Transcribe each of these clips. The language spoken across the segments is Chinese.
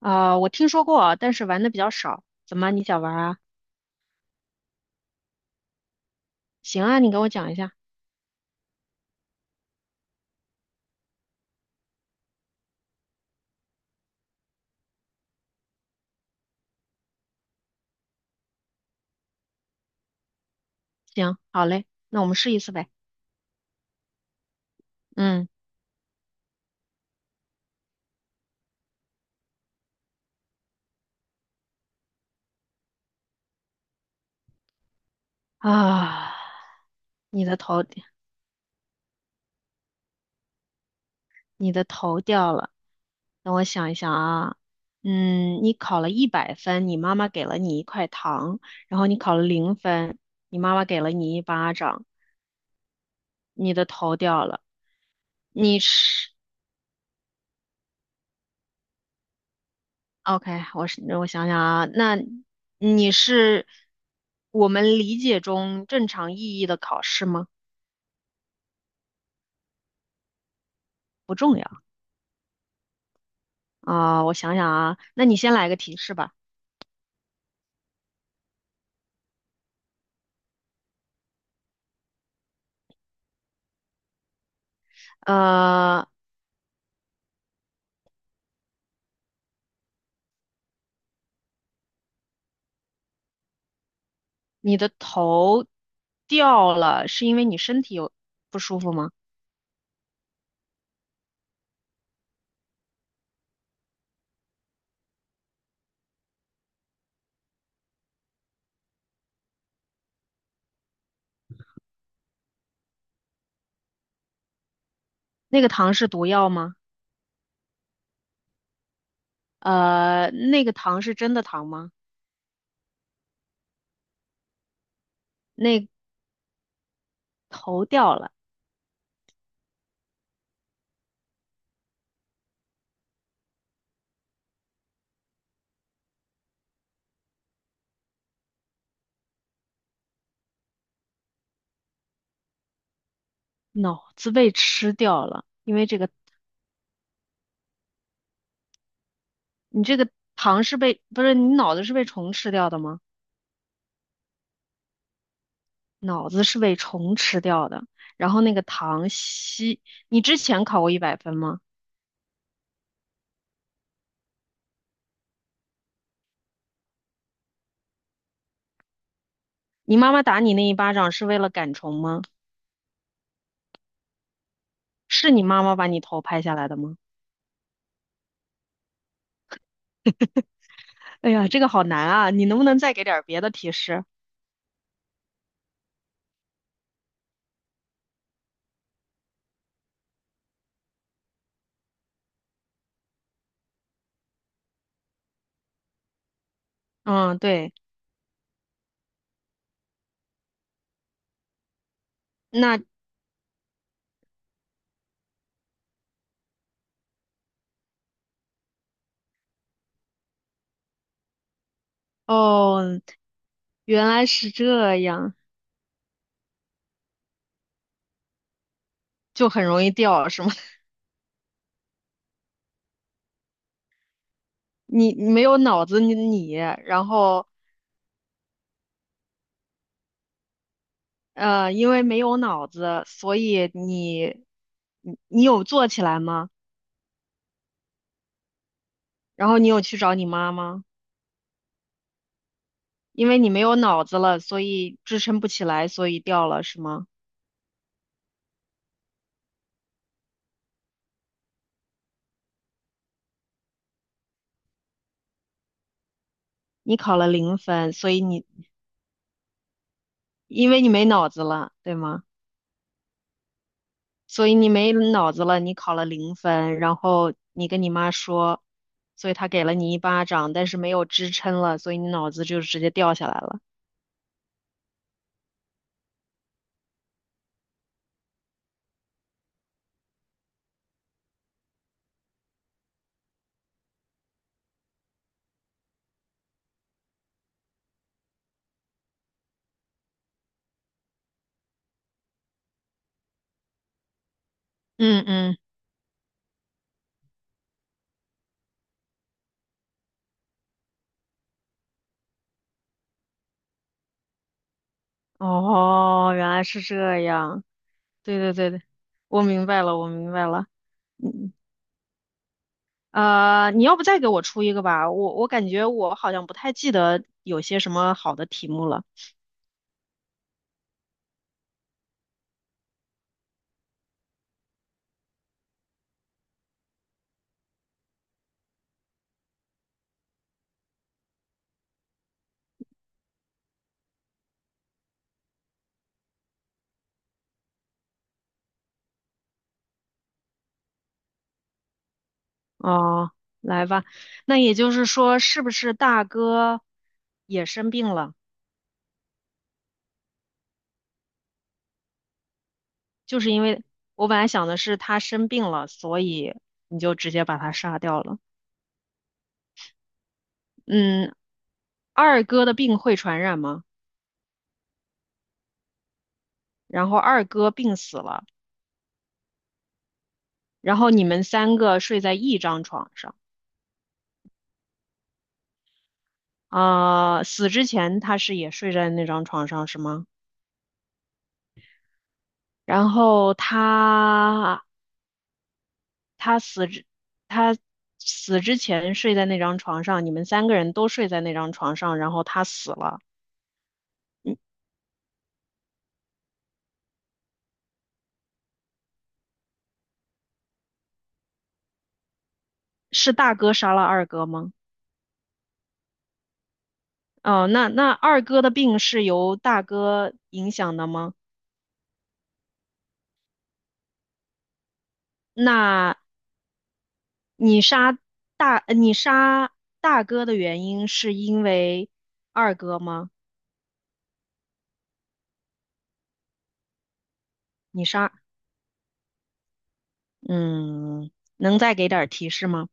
我听说过，但是玩的比较少。怎么，你想玩啊？行啊，你给我讲一下。行，好嘞，那我们试一次呗。嗯。啊，你的头，你的头掉了。等我想一想啊。嗯，你考了一百分，你妈妈给了你一块糖，然后你考了零分，你妈妈给了你一巴掌，你的头掉了。你是 OK，我想想啊，那你是我们理解中正常意义的考试吗？不重要。啊，我想想啊，那你先来个提示吧。呃，你的头掉了，是因为你身体有不舒服吗？那个糖是毒药吗？呃，那个糖是真的糖吗？那头掉了。脑子被吃掉了，因为这个，你这个糖是被，不是，你脑子是被虫吃掉的吗？脑子是被虫吃掉的。然后那个糖吸，你之前考过一百分吗？你妈妈打你那一巴掌是为了赶虫吗？是你妈妈把你头拍下来的吗？哎呀，这个好难啊！你能不能再给点儿别的提示？嗯，对。那哦，原来是这样。就很容易掉，是吗？你没有脑子，你然后因为没有脑子，所以你你有做起来吗？然后你有去找你妈吗？因为你没有脑子了，所以支撑不起来，所以掉了，是吗？你考了零分，所以你因为你没脑子了，对吗？所以你没脑子了，你考了零分，然后你跟你妈说，所以她给了你一巴掌，但是没有支撑了，所以你脑子就直接掉下来了。嗯嗯。哦，原来是这样。对对对对，我明白了，我明白了。嗯，呃，你要不再给我出一个吧？我感觉我好像不太记得有些什么好的题目了。哦，来吧。那也就是说，是不是大哥也生病了？就是因为我本来想的是他生病了，所以你就直接把他杀掉了。嗯，二哥的病会传染吗？然后二哥病死了，然后你们三个睡在一张床上。死之前他是也睡在那张床上是吗？然后他他死之他死之前睡在那张床上，你们三个人都睡在那张床上，然后他死了，是大哥杀了二哥吗？哦，那那二哥的病是由大哥影响的吗？那你杀你杀大哥的原因是因为二哥吗？你杀，嗯，能再给点儿提示吗？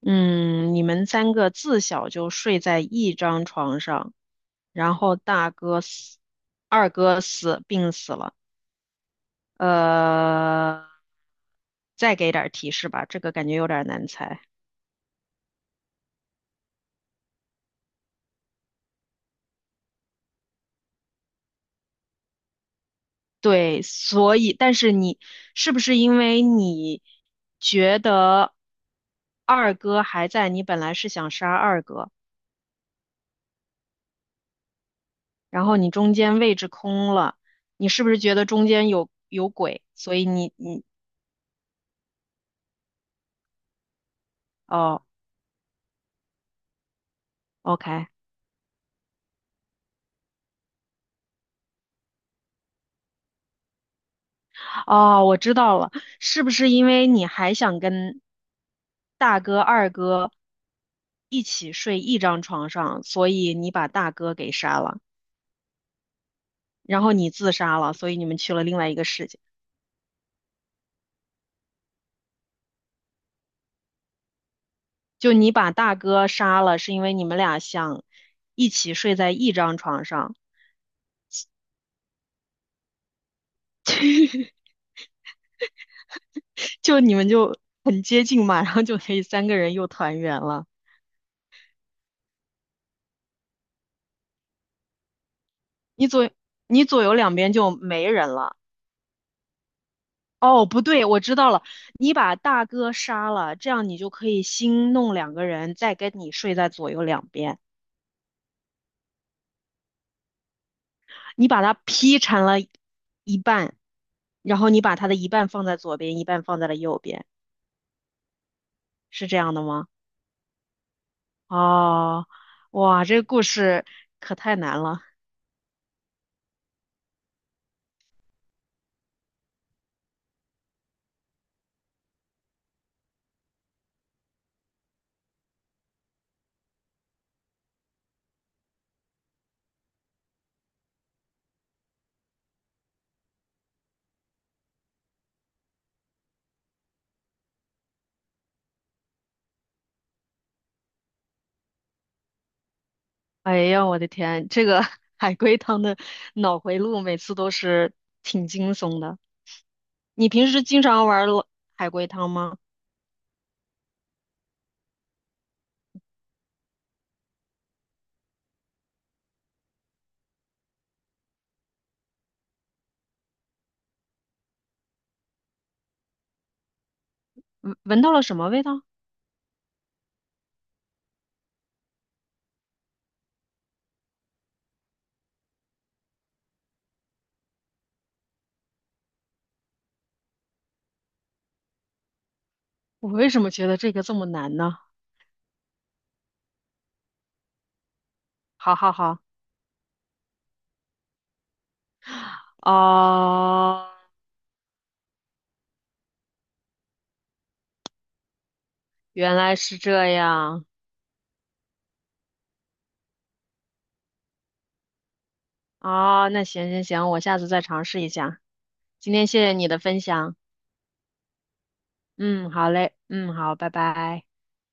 嗯，你们三个自小就睡在一张床上，然后大哥死，二哥死，病死了。呃，再给点儿提示吧，这个感觉有点儿难猜。对，所以，但是你是不是因为你觉得二哥还在，你本来是想杀二哥，然后你中间位置空了，你是不是觉得中间有鬼，所以哦，OK。哦，我知道了，是不是因为你还想跟大哥、二哥一起睡一张床上，所以你把大哥给杀了，然后你自杀了，所以你们去了另外一个世界。就你把大哥杀了，是因为你们俩想一起睡在一张床上，就你们就很接近嘛，然后就可以三个人又团圆了。你左你左右两边就没人了。哦，不对，我知道了，你把大哥杀了，这样你就可以新弄两个人，再跟你睡在左右两边。你把他劈成了一半，然后你把他的一半放在左边，一半放在了右边，是这样的吗？哦，哇，这个故事可太难了！哎呀，我的天，这个 海龟汤的脑回路每次都是挺惊悚的。你平时经常玩儿海龟汤吗？闻到了什么味道？我为什么觉得这个这么难呢？好好好。哦，原来是这样。哦，那行行行，我下次再尝试一下。今天谢谢你的分享，嗯，好嘞，嗯，好，拜拜。